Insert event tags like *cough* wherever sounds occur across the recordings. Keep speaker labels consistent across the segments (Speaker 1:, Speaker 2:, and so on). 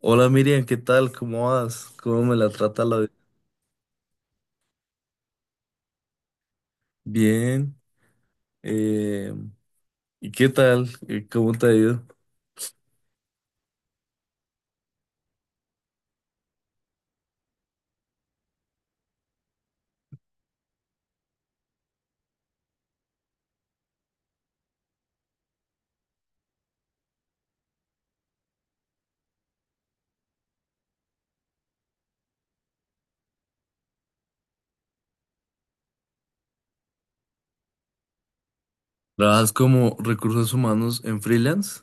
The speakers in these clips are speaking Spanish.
Speaker 1: Hola Miriam, ¿qué tal? ¿Cómo vas? ¿Cómo me la trata la vida? Bien. eh, ¿Y qué tal? ¿Cómo te ha ido? ¿Trabajas como recursos humanos en freelance?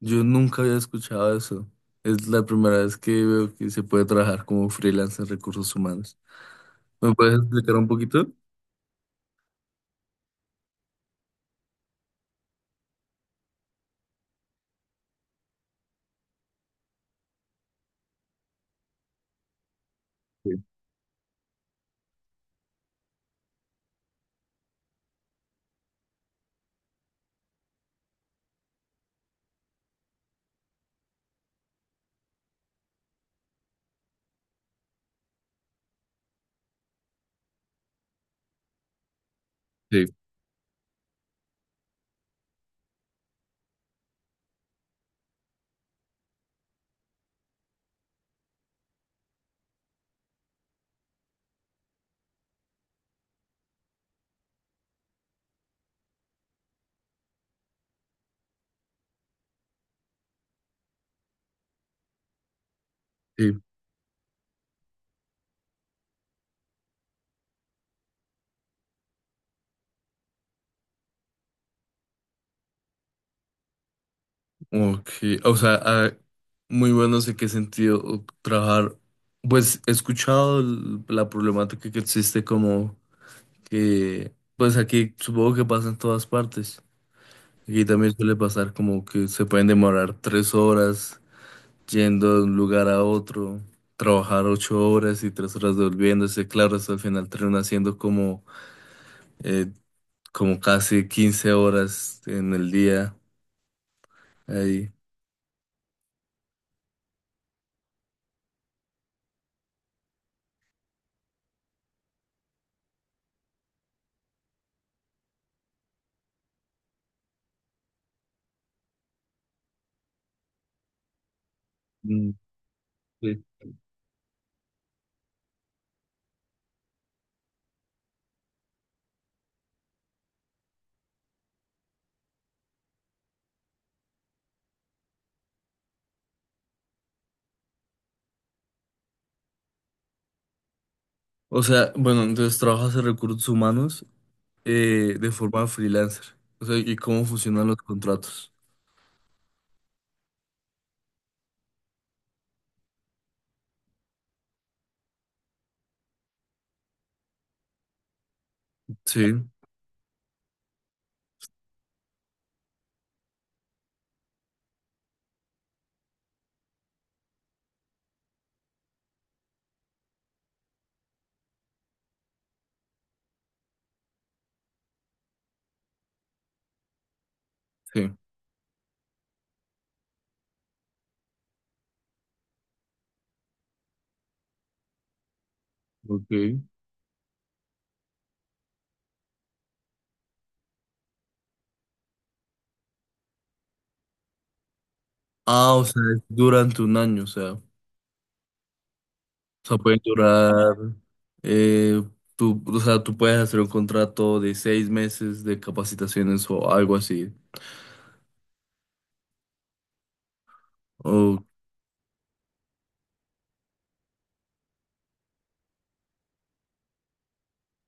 Speaker 1: Yo nunca había escuchado eso. Es la primera vez que veo que se puede trabajar como freelance en recursos humanos. ¿Me puedes explicar un poquito? Sí, sí, sí. Ok, o sea, ah, muy bueno, sé qué sentido trabajar. Pues he escuchado la problemática que existe como que pues aquí supongo que pasa en todas partes. Aquí también suele pasar como que se pueden demorar 3 horas yendo de un lugar a otro, trabajar 8 horas y 3 horas devolviéndose. Claro, eso al final termina haciendo eh, como casi 15 horas en el día ahí. Mm, sí. O sea, bueno, entonces trabajas en recursos humanos de forma freelancer. O sea, ¿y cómo funcionan los contratos? Sí, sí. Ok. Ah, o sea, es durante un año, o sea, puede durar, eh, tú puedes hacer un contrato de 6 meses de capacitaciones o algo así. O,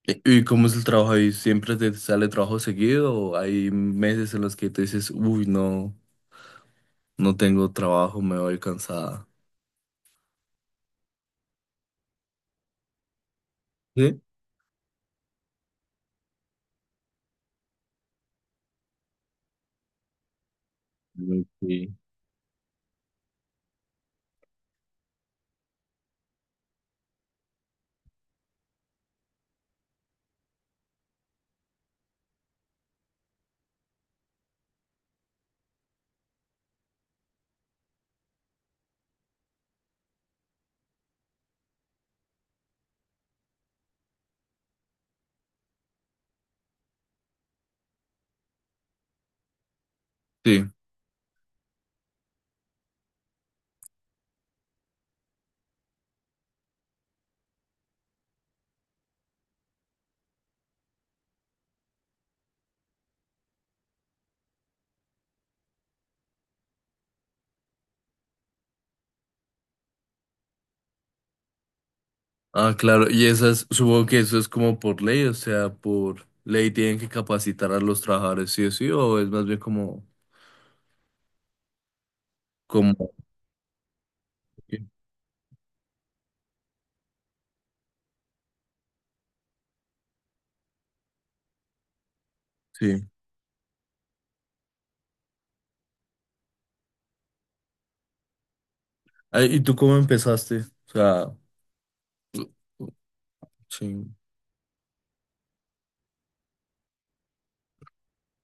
Speaker 1: ¿Y cómo es el trabajo ahí? ¿Siempre te sale trabajo seguido o hay meses en los que te dices, uy, no, no tengo trabajo, me voy cansada? ¿Sí? Mm, sí. Sí. Ah, claro, y esas, supongo que eso es como por ley, o sea, por ley tienen que capacitar a los trabajadores, sí o sí, o es más bien como... Sí. Sí. Ah, ¿y tú cómo empezaste? O sea, sí, en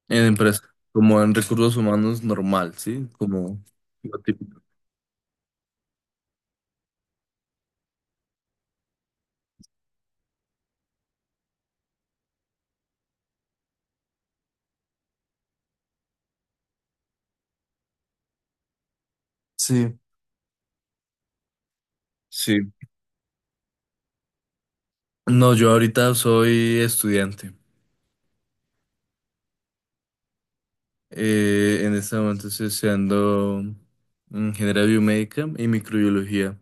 Speaker 1: empresa, como en recursos humanos normal, ¿sí? Como lo típico. Sí. Sí. No, yo ahorita soy estudiante. En este momento estoy estudiando ingeniería biomédica y microbiología.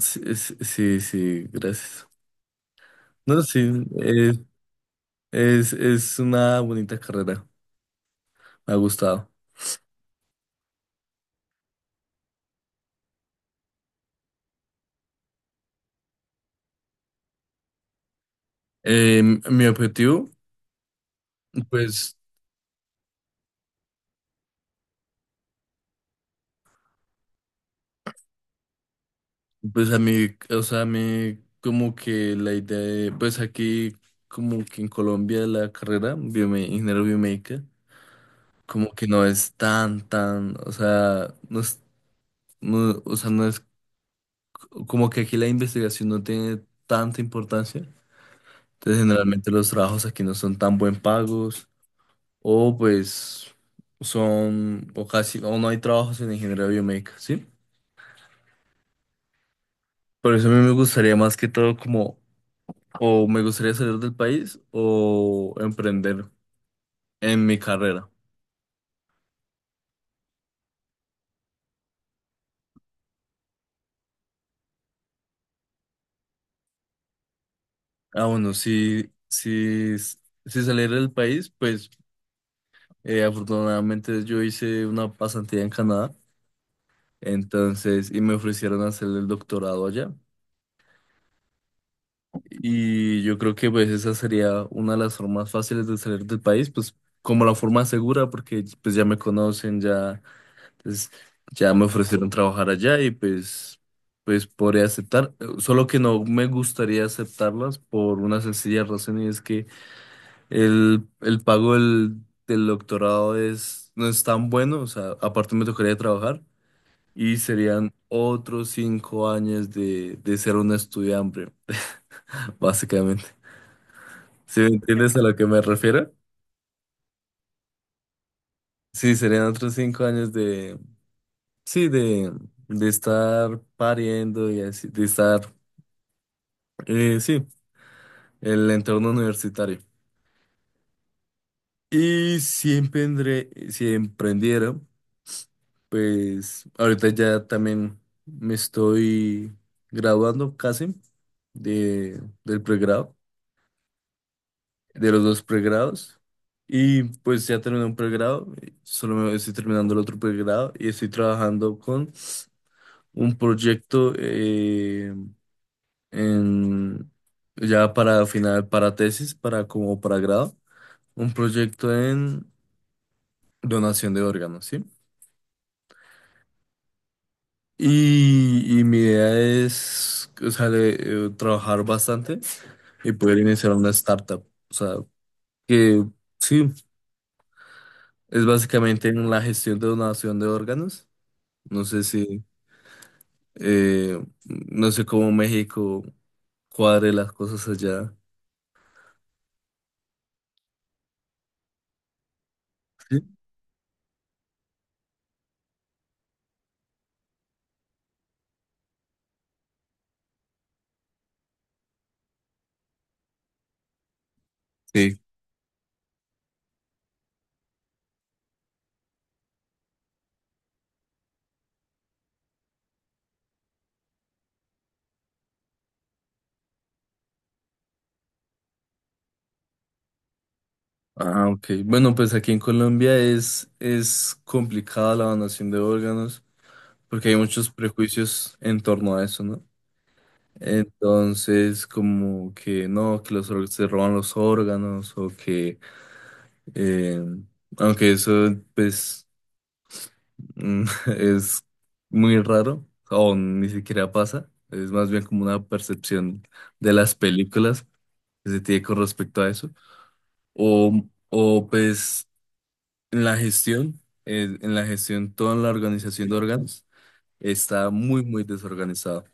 Speaker 1: Sí, sí, sí, gracias. No, sí, es una bonita carrera. Me ha gustado. Eh, Mi objetivo, pues. Pues a mí, o sea, a mí como que la idea de, pues aquí como que en Colombia la carrera biome ingeniero biomédica como que no es tan, tan, o sea, no es, no, o sea, no es como que aquí la investigación no tiene tanta importancia. Entonces generalmente los trabajos aquí no son tan buen pagos o pues son, o casi, o no hay trabajos en ingeniería biomédica, ¿sí? Por eso a mí me gustaría más que todo como O me gustaría salir del país o emprender en mi carrera. Ah, bueno, si salir del país, pues afortunadamente yo hice una pasantía en Canadá, entonces, y me ofrecieron hacer el doctorado allá. Y yo creo que pues esa sería una de las formas fáciles de salir del país, pues como la forma segura, porque pues ya me conocen, ya. Entonces, ya me ofrecieron trabajar allá y pues, pues podría aceptar, solo que no me gustaría aceptarlas por una sencilla razón y es que el pago del doctorado no es tan bueno, o sea, aparte me tocaría trabajar y serían otros 5 años de ser un estudiante, *laughs* básicamente. ¿Sí me entiendes a lo que me refiero? Sí, serían otros cinco años sí, de estar pariendo y así, de estar. Sí, el entorno universitario. Y si si emprendiera, pues ahorita ya también me estoy graduando casi de, del pregrado, de los dos pregrados. Y pues ya terminé un pregrado, solo me estoy terminando el otro pregrado y estoy trabajando con un proyecto en, ya para final, para tesis, para como para grado, un proyecto en donación de órganos, ¿sí? Y mi idea es, o sea, trabajar bastante y poder iniciar una startup. O sea, que sí, es básicamente en la gestión de donación de órganos. No sé si, no sé cómo México cuadre las cosas allá. Sí. Sí. Ah, ok. Bueno, pues aquí en Colombia es complicada la donación de órganos porque hay muchos prejuicios en torno a eso, ¿no? Entonces, como que no, que los se roban los órganos o que, eh, aunque eso pues mm, *laughs* es muy raro o ni siquiera pasa, es más bien como una percepción de las películas que se tiene con respecto a eso. O pues en la gestión, en la gestión, toda la organización de órganos está muy, muy desorganizado.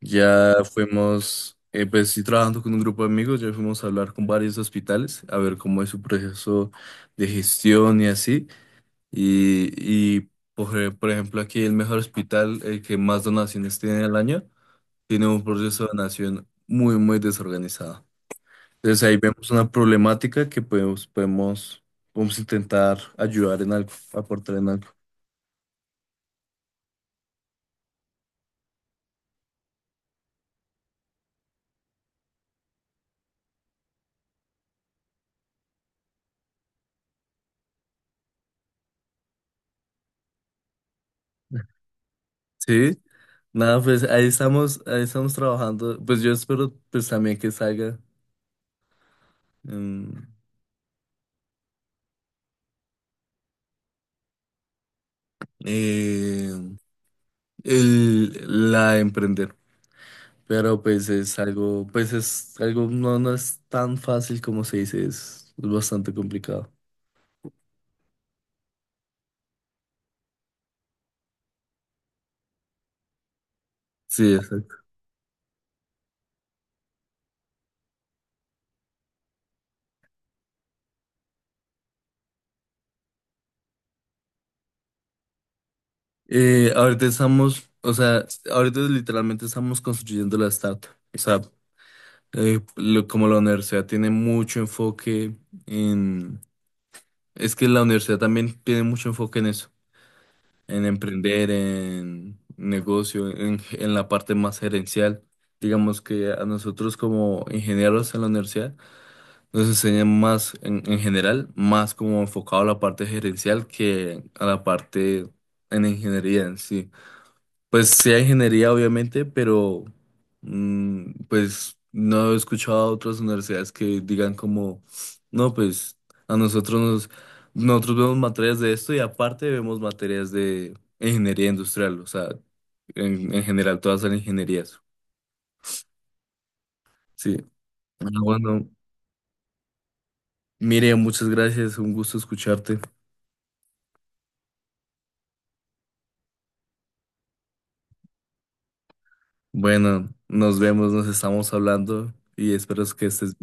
Speaker 1: Ya fuimos, pues sí, trabajando con un grupo de amigos, ya fuimos a hablar con varios hospitales, a ver cómo es su proceso de gestión y así. Y por ejemplo, aquí el mejor hospital, el que más donaciones tiene al año, tiene un proceso de donación muy, muy desorganizado. Entonces ahí vemos una problemática que podemos intentar ayudar en algo, aportar en algo. Sí, nada, pues ahí estamos trabajando. Pues yo espero pues también que salga. em, eh, la de emprender. Pero pues es algo, no, no es tan fácil como se dice, es bastante complicado. Sí, exacto. Ahorita estamos, o sea, ahorita literalmente estamos construyendo la startup. O sea, como la universidad tiene mucho enfoque en, es que la universidad también tiene mucho enfoque en eso. En emprender, en negocio, en la parte más gerencial. Digamos que a nosotros como ingenieros en la universidad nos enseñan más en general, más como enfocado a la parte gerencial que a la parte en ingeniería en sí. Pues sí hay ingeniería, obviamente, pero pues no he escuchado a otras universidades que digan como, no, pues a nosotros nosotros vemos materias de esto y aparte vemos materias de ingeniería industrial, o sea, en general todas son ingenierías. Sí. Ah, bueno, Miriam, muchas gracias, un gusto escucharte. Bueno, nos vemos, nos estamos hablando y espero que estés